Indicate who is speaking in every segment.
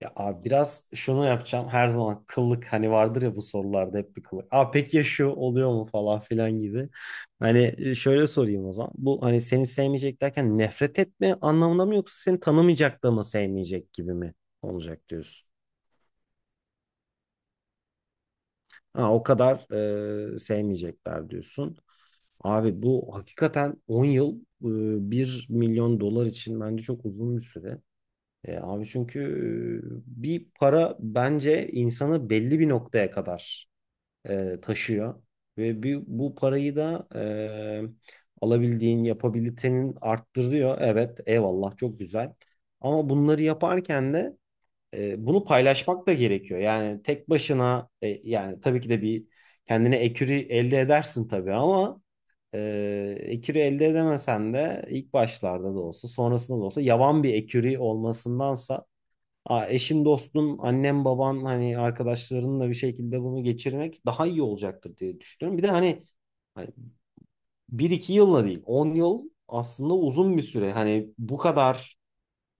Speaker 1: Ya abi biraz şunu yapacağım. Her zaman kıllık hani vardır ya bu sorularda hep bir kıllık. Aa peki ya şu oluyor mu falan filan gibi. Hani şöyle sorayım o zaman. Bu hani seni sevmeyecek derken nefret etme anlamında mı yoksa seni tanımayacak da mı sevmeyecek gibi mi olacak diyorsun? Ha o kadar sevmeyecekler diyorsun. Abi bu hakikaten 10 yıl 1 milyon dolar için bence çok uzun bir süre. Abi çünkü bir para bence insanı belli bir noktaya kadar taşıyor ve bu parayı da alabildiğin yapabilitenin arttırıyor. Evet, eyvallah çok güzel. Ama bunları yaparken de bunu paylaşmak da gerekiyor. Yani tek başına yani tabii ki de bir kendine ekürü elde edersin tabii ama e, ekürü elde edemesen de ilk başlarda da olsa sonrasında da olsa yavan bir ekürü olmasındansa eşin, dostun, annen, baban hani arkadaşlarınla bir şekilde bunu geçirmek daha iyi olacaktır diye düşünüyorum. Bir de hani 1-2 yılla değil 10 yıl aslında uzun bir süre. Hani bu kadar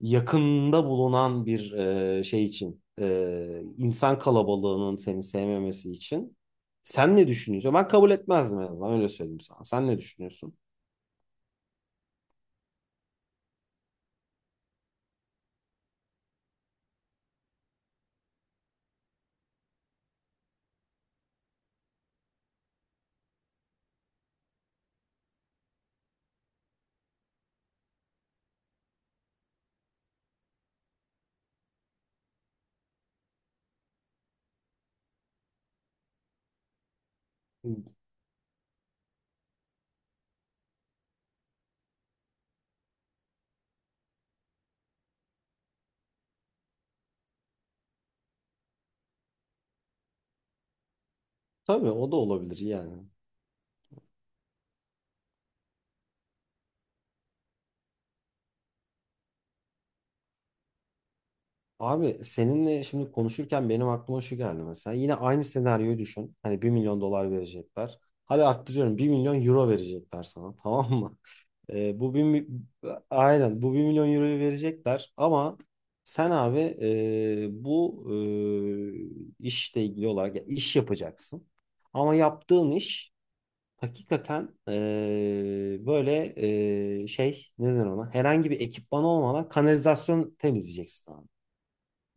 Speaker 1: yakında bulunan bir şey için insan kalabalığının seni sevmemesi için sen ne düşünüyorsun? Ben kabul etmezdim en azından öyle söyleyeyim sana. Sen ne düşünüyorsun? Tabii o da olabilir yani. Abi seninle şimdi konuşurken benim aklıma şu geldi mesela. Yine aynı senaryoyu düşün. Hani 1 milyon dolar verecekler. Hadi arttırıyorum 1 milyon euro verecekler sana tamam mı? Ee, bu bir, mi- aynen bu 1 milyon euroyu verecekler ama sen abi bu işle ilgili olarak ya iş yapacaksın. Ama yaptığın iş hakikaten böyle şey ne denir ona herhangi bir ekipman olmadan kanalizasyon temizleyeceksin.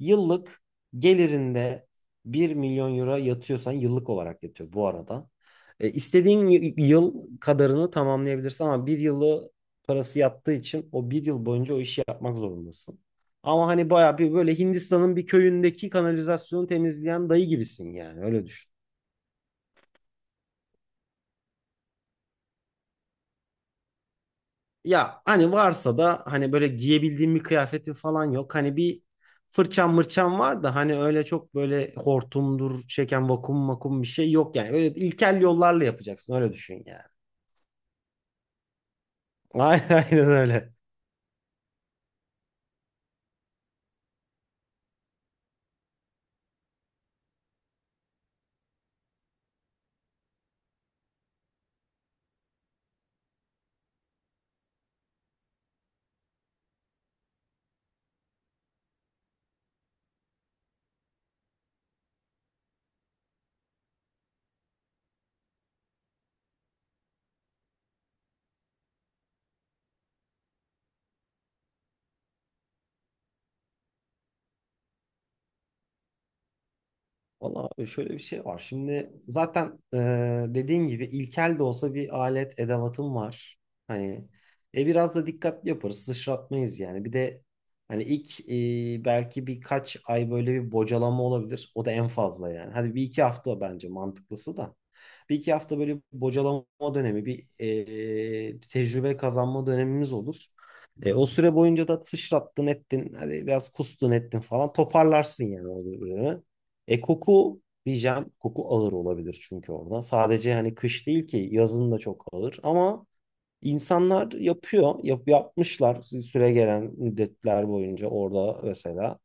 Speaker 1: Yıllık gelirinde 1 milyon euro yatıyorsan yıllık olarak yatıyor bu arada. İstediğin yıl kadarını tamamlayabilirsin ama bir yılı parası yattığı için o bir yıl boyunca o işi yapmak zorundasın. Ama hani bayağı bir böyle Hindistan'ın bir köyündeki kanalizasyonu temizleyen dayı gibisin yani öyle düşün. Ya hani varsa da hani böyle giyebildiğim bir kıyafetim falan yok. Hani bir fırçam mırçam var da hani öyle çok böyle hortumdur çeken vakum makum bir şey yok yani. Öyle ilkel yollarla yapacaksın öyle düşün yani. Aynen aynen öyle. Valla şöyle bir şey var. Şimdi zaten dediğin gibi ilkel de olsa bir alet edevatım var. Hani biraz da dikkatli yaparız. Sıçratmayız yani. Bir de hani ilk belki birkaç ay böyle bir bocalama olabilir. O da en fazla yani. Hadi bir iki hafta bence mantıklısı da. Bir iki hafta böyle bir bocalama dönemi, bir tecrübe kazanma dönemimiz olur. O süre boyunca da sıçrattın ettin, hadi biraz kustun ettin falan toparlarsın yani o bölümü. Koku diyeceğim. Koku ağır olabilir çünkü orada. Sadece hani kış değil ki yazın da çok ağır. Ama insanlar yapıyor. Yapmışlar süre gelen müddetler boyunca orada mesela.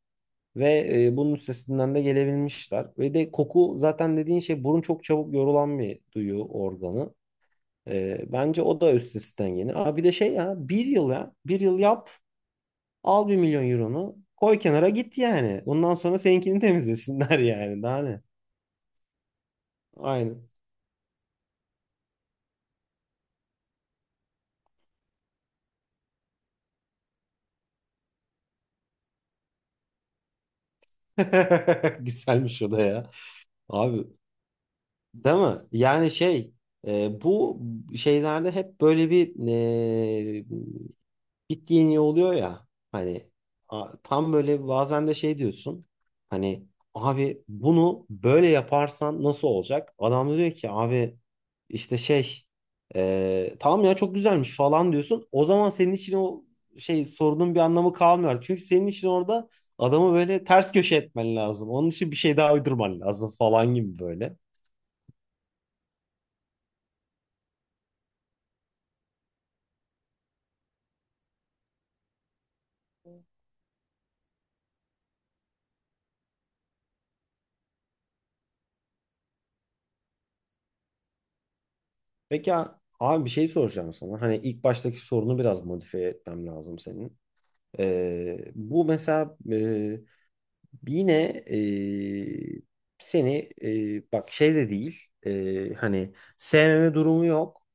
Speaker 1: Ve bunun üstesinden de gelebilmişler. Ve de koku zaten dediğin şey burun çok çabuk yorulan bir duyu organı. Bence o da üstesinden gelir. Aa, bir de şey ya bir yıl ya bir yıl yap al 1 milyon euronu koy kenara git yani. Bundan sonra seninkini temizlesinler yani daha ne. Aynen. Güzelmiş o da ya. Abi değil mi? Yani şey bu şeylerde hep böyle bir bittiğin iyi oluyor ya hani tam böyle bazen de şey diyorsun hani abi bunu böyle yaparsan nasıl olacak? Adam da diyor ki abi işte şey tamam ya çok güzelmiş falan diyorsun. O zaman senin için o şey sorunun bir anlamı kalmıyor. Çünkü senin için orada adamı böyle ters köşe etmen lazım. Onun için bir şey daha uydurman lazım falan gibi böyle. Peki abi bir şey soracağım sana. Hani ilk baştaki sorunu biraz modifiye etmem lazım senin. Bu mesela yine seni bak şey de değil hani sevmeme durumu yok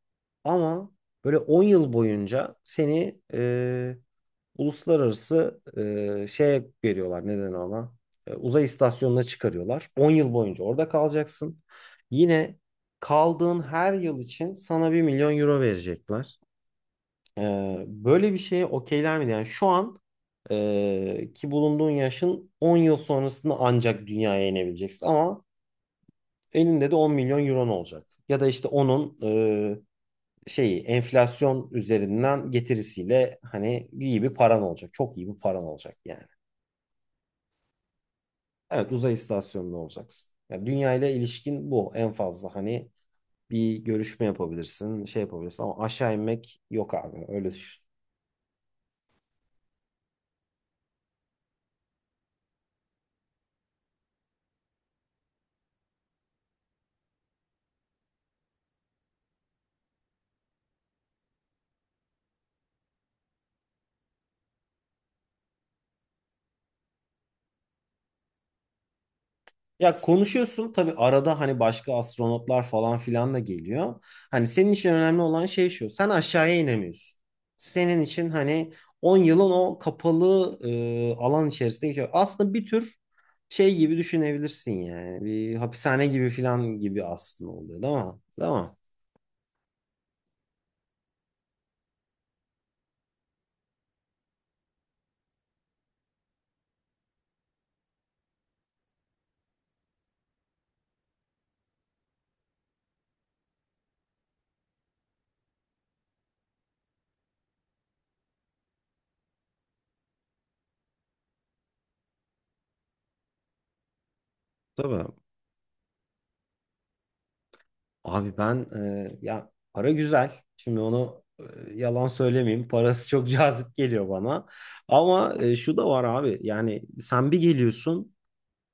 Speaker 1: ama böyle 10 yıl boyunca seni uluslararası şeye veriyorlar neden ona. Uzay istasyonuna çıkarıyorlar 10 yıl boyunca orada kalacaksın yine kaldığın her yıl için sana 1 milyon euro verecekler. Böyle bir şeye okeyler miydi? Yani şu an ki bulunduğun yaşın 10 yıl sonrasında ancak dünyaya inebileceksin ama elinde de 10 milyon euron olacak. Ya da işte onun şeyi enflasyon üzerinden getirisiyle hani iyi bir paran olacak. Çok iyi bir paran olacak yani. Evet uzay istasyonunda olacaksın. Yani dünya ile ilişkin bu en fazla hani bir görüşme yapabilirsin, şey yapabilirsin ama aşağı inmek yok abi öyle düşün. Ya konuşuyorsun tabii arada hani başka astronotlar falan filan da geliyor. Hani senin için önemli olan şey şu. Sen aşağıya inemiyorsun. Senin için hani 10 yılın o kapalı alan içerisinde geçiyor. Aslında bir tür şey gibi düşünebilirsin yani. Bir hapishane gibi filan gibi aslında oluyor değil mi? Değil mi? Tabii. Abi ben ya para güzel. Şimdi onu yalan söylemeyeyim. Parası çok cazip geliyor bana. Ama şu da var abi. Yani sen bir geliyorsun.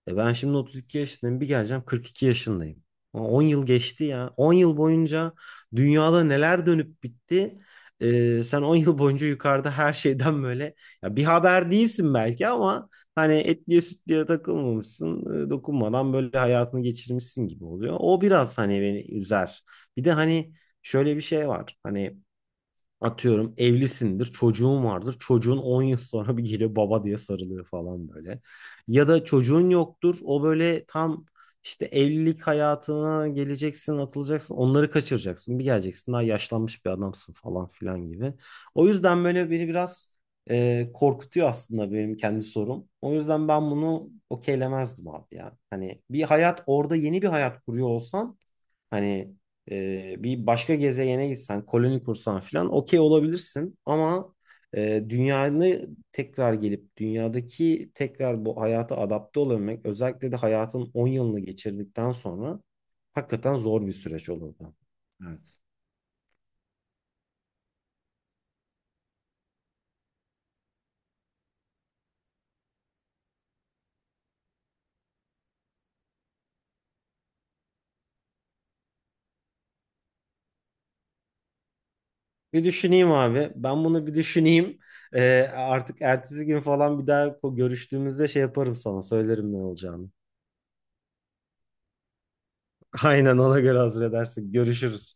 Speaker 1: Ben şimdi 32 yaşındayım bir geleceğim 42 yaşındayım. Ama 10 yıl geçti ya. 10 yıl boyunca dünyada neler dönüp bitti. Sen 10 yıl boyunca yukarıda her şeyden böyle ya bir haber değilsin belki ama hani etliye sütlüye takılmamışsın. Dokunmadan böyle hayatını geçirmişsin gibi oluyor. O biraz hani beni üzer. Bir de hani şöyle bir şey var. Hani atıyorum evlisindir, çocuğun vardır. Çocuğun 10 yıl sonra bir geliyor baba diye sarılıyor falan böyle. Ya da çocuğun yoktur. O böyle tam işte evlilik hayatına geleceksin, atılacaksın. Onları kaçıracaksın. Bir geleceksin daha yaşlanmış bir adamsın falan filan gibi. O yüzden böyle beni biraz korkutuyor aslında benim kendi sorum. O yüzden ben bunu okeylemezdim abi ya. Hani bir hayat orada yeni bir hayat kuruyor olsan hani bir başka gezegene gitsen, koloni kursan falan okey olabilirsin ama dünyanı tekrar gelip dünyadaki tekrar bu hayata adapte olabilmek özellikle de hayatın 10 yılını geçirdikten sonra hakikaten zor bir süreç olurdu. Bir düşüneyim abi. Ben bunu bir düşüneyim. Artık ertesi gün falan bir daha görüştüğümüzde şey yaparım sana söylerim ne olacağını. Aynen ona göre hazır edersin. Görüşürüz.